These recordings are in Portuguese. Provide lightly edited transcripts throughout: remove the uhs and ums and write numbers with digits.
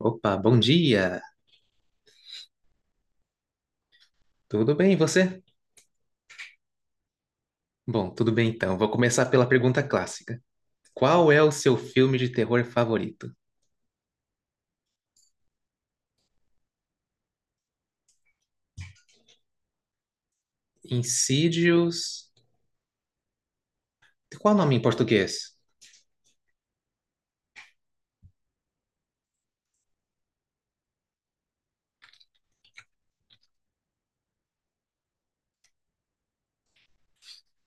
Opa, bom dia! Tudo bem, e você? Bom, tudo bem então. Vou começar pela pergunta clássica. Qual é o seu filme de terror favorito? Insidious. Qual o nome em português?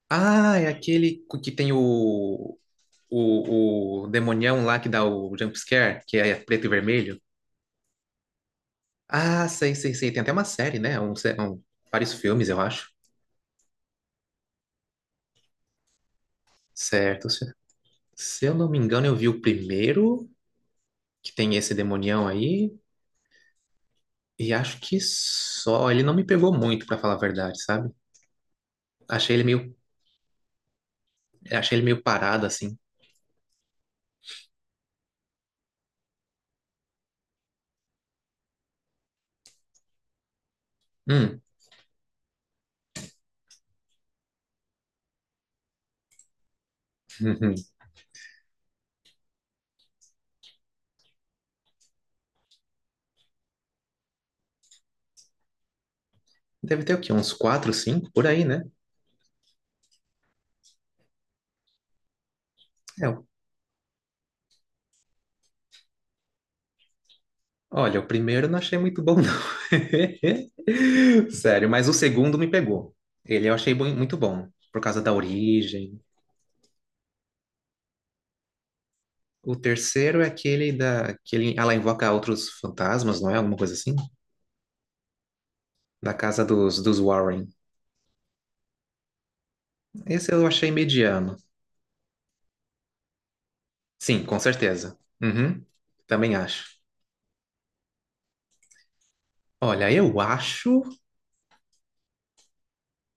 Ah, é aquele que tem o demonião lá que dá o jump scare, que é preto e vermelho. Ah, sei, sei, sei. Tem até uma série, né? Vários filmes, eu acho. Certo. Se eu não me engano, eu vi o primeiro, que tem esse demonião aí. E acho que só. Ele não me pegou muito, pra falar a verdade, sabe? Achei ele meio, achei ele meio parado, assim. Hum, uhum. Deve ter o quê? Uns quatro, cinco, por aí, né? É, olha, o primeiro eu não achei muito bom, não. Sério, mas o segundo me pegou. Ele eu achei muito bom, por causa da origem. O terceiro é aquele da... Que ela invoca outros fantasmas, não é? Alguma coisa assim? Da casa dos Warren. Esse eu achei mediano. Sim, com certeza. Uhum, também acho. Olha, eu acho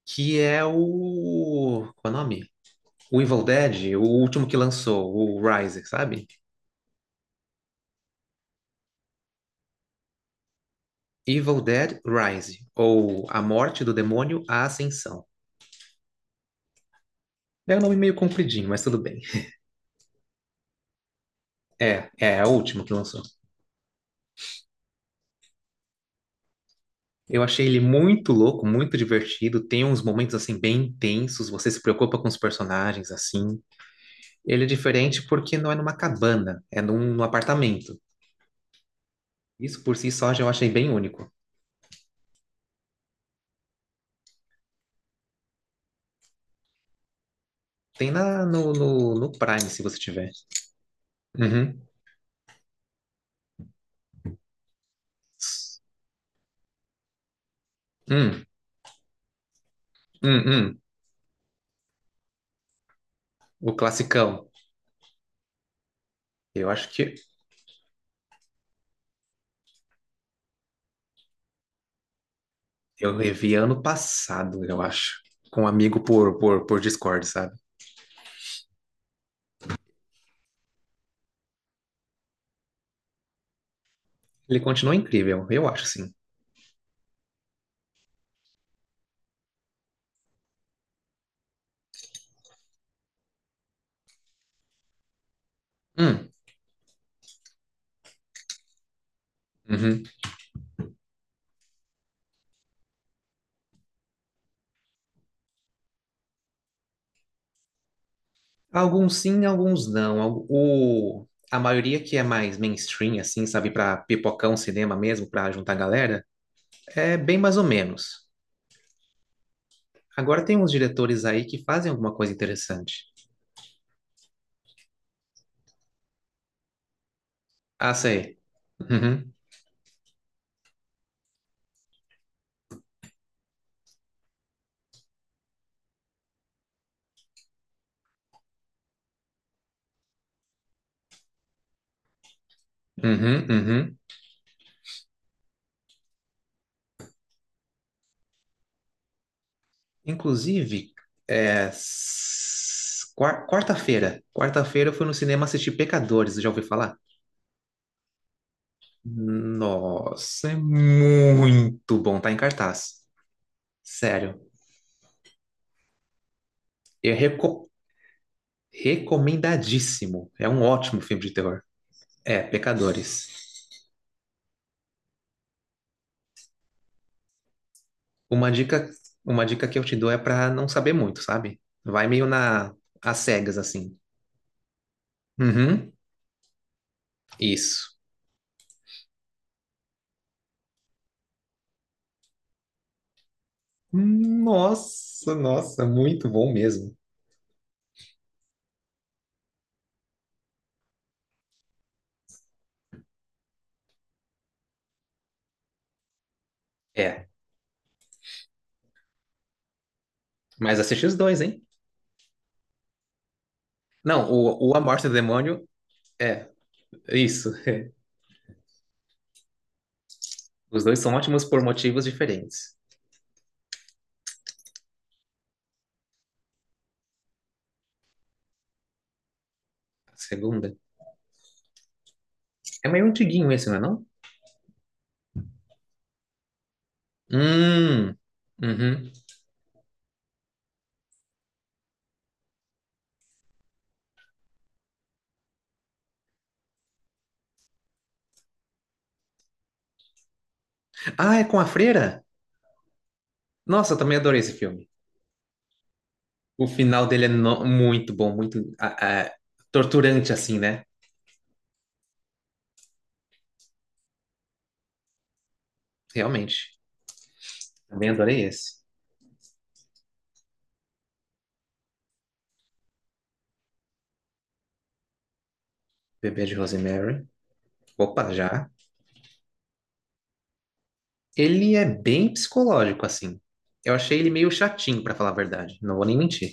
que é o. Qual é o nome? O Evil Dead, o último que lançou, o Rise, sabe? Evil Dead Rise, ou A Morte do Demônio, A Ascensão. É um nome meio compridinho, mas tudo bem. É o último que lançou. Eu achei ele muito louco, muito divertido. Tem uns momentos assim bem intensos, você se preocupa com os personagens assim. Ele é diferente porque não é numa cabana, é num apartamento. Isso por si só já eu achei bem único. Tem na, no, no, no Prime, se você tiver. Uhum. Hum, hum, hum. O classicão. Eu acho que eu revi ano passado, eu acho. Com um amigo por Discord, sabe? Ele continua incrível, eu acho, sim. Hum, uhum. Alguns sim, alguns não. A maioria que é mais mainstream, assim, sabe? Pra pipocão, cinema mesmo, pra juntar galera, é bem mais ou menos. Agora tem uns diretores aí que fazem alguma coisa interessante. Ah, sei. Uhum, uhum, uhum. Inclusive, quarta-feira. Quarta-feira eu fui no cinema assistir Pecadores, já ouviu falar? Nossa, é muito bom, tá em cartaz. Sério, é recomendadíssimo. É um ótimo filme de terror. É, Pecadores. Uma dica, uma dica que eu te dou é pra não saber muito, sabe? Vai meio na às cegas assim. Uhum, isso. Nossa, nossa, muito bom mesmo. É, mas assiste os dois, hein? Não, o A do Demônio é isso. Os dois são ótimos por motivos diferentes. A segunda. É meio antiguinho esse, não é não? Hum. Uhum. Ah, é com a freira? Nossa, eu também adorei esse filme. O final dele é muito bom, muito ah, ah, torturante, assim, né? Realmente. Também adorei esse. Bebê de Rosemary. Opa, já. Ele é bem psicológico, assim. Eu achei ele meio chatinho, pra falar a verdade. Não vou nem mentir.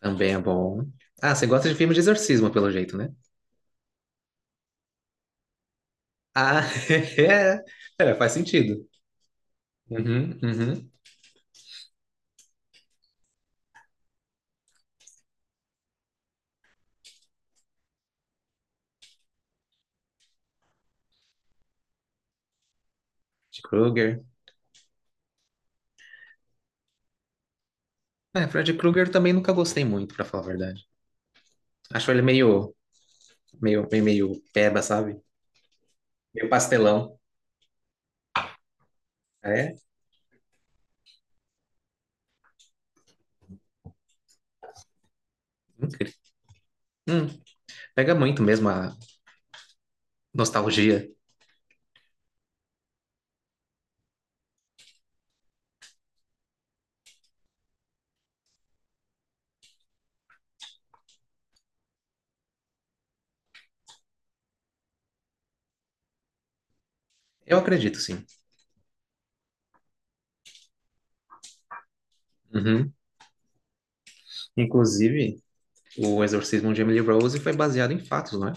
Também é bom. Ah, você gosta de filmes de exorcismo, pelo jeito, né? Ah, é. É, faz sentido. Uhum, uhum. Fred Krueger. É, Fred Krueger também nunca gostei muito, pra falar a verdade. Acho ele meio peba, sabe? Meio pastelão. É, incrível. Hum, pega muito mesmo a nostalgia. Eu acredito, sim. Uhum. Inclusive, o Exorcismo de Emily Rose foi baseado em fatos, não é?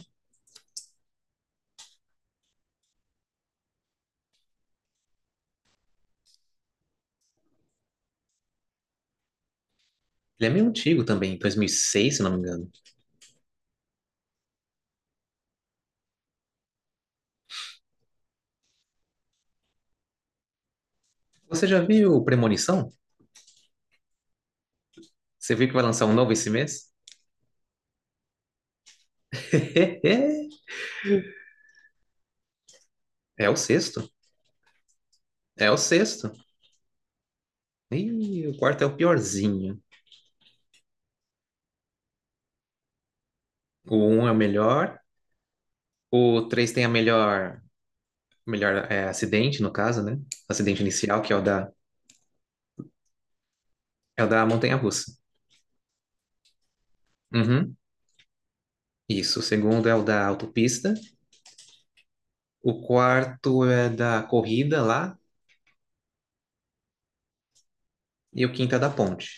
Ele é meio antigo também, 2006, se não me engano. Você já viu Premonição? Você viu que vai lançar um novo esse mês? É o sexto. É o sexto. Ih, o quarto é o piorzinho. O um é o melhor. O três tem a melhor acidente, no caso, né? Acidente inicial, que é o da montanha-russa. Uhum, isso. O segundo é o da autopista. O quarto é da corrida lá. E o quinto é da ponte.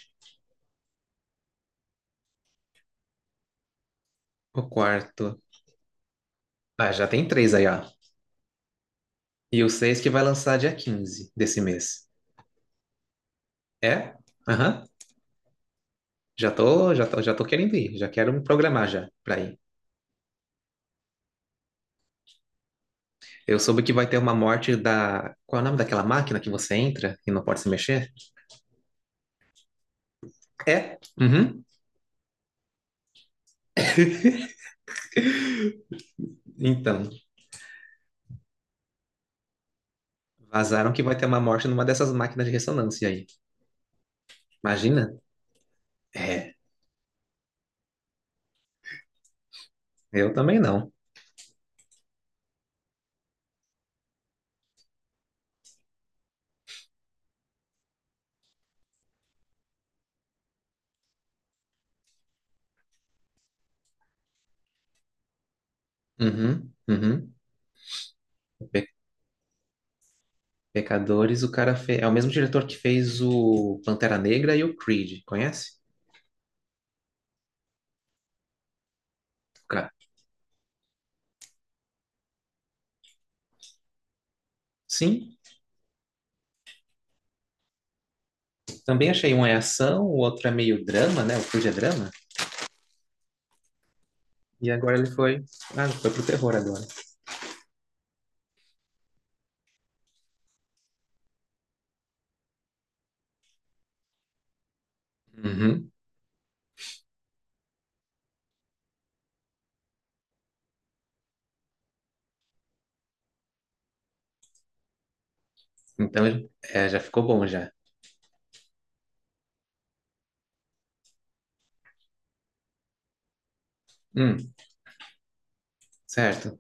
O quarto. Ah, já tem três aí, ó. E o seis que vai lançar dia 15 desse mês. É? Aham. Já tô querendo ir. Já quero me programar já pra ir. Eu soube que vai ter uma morte da. Qual é o nome daquela máquina que você entra e não pode se mexer? É? Uhum. Então, vazaram que vai ter uma morte numa dessas máquinas de ressonância aí. Imagina? É, eu também não. Uhum, uhum. Pe- Pecadores, o cara fez. É o mesmo diretor que fez o Pantera Negra e o Creed, conhece? O cara. Sim, também achei um é ação, o outro é meio drama, né? O Creed é drama. E agora ele foi. Ah, foi pro terror agora. Uhum. Então, já ficou bom já. Hum. Certo?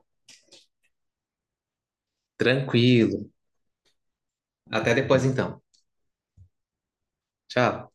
Tranquilo. Até depois então. Tchau.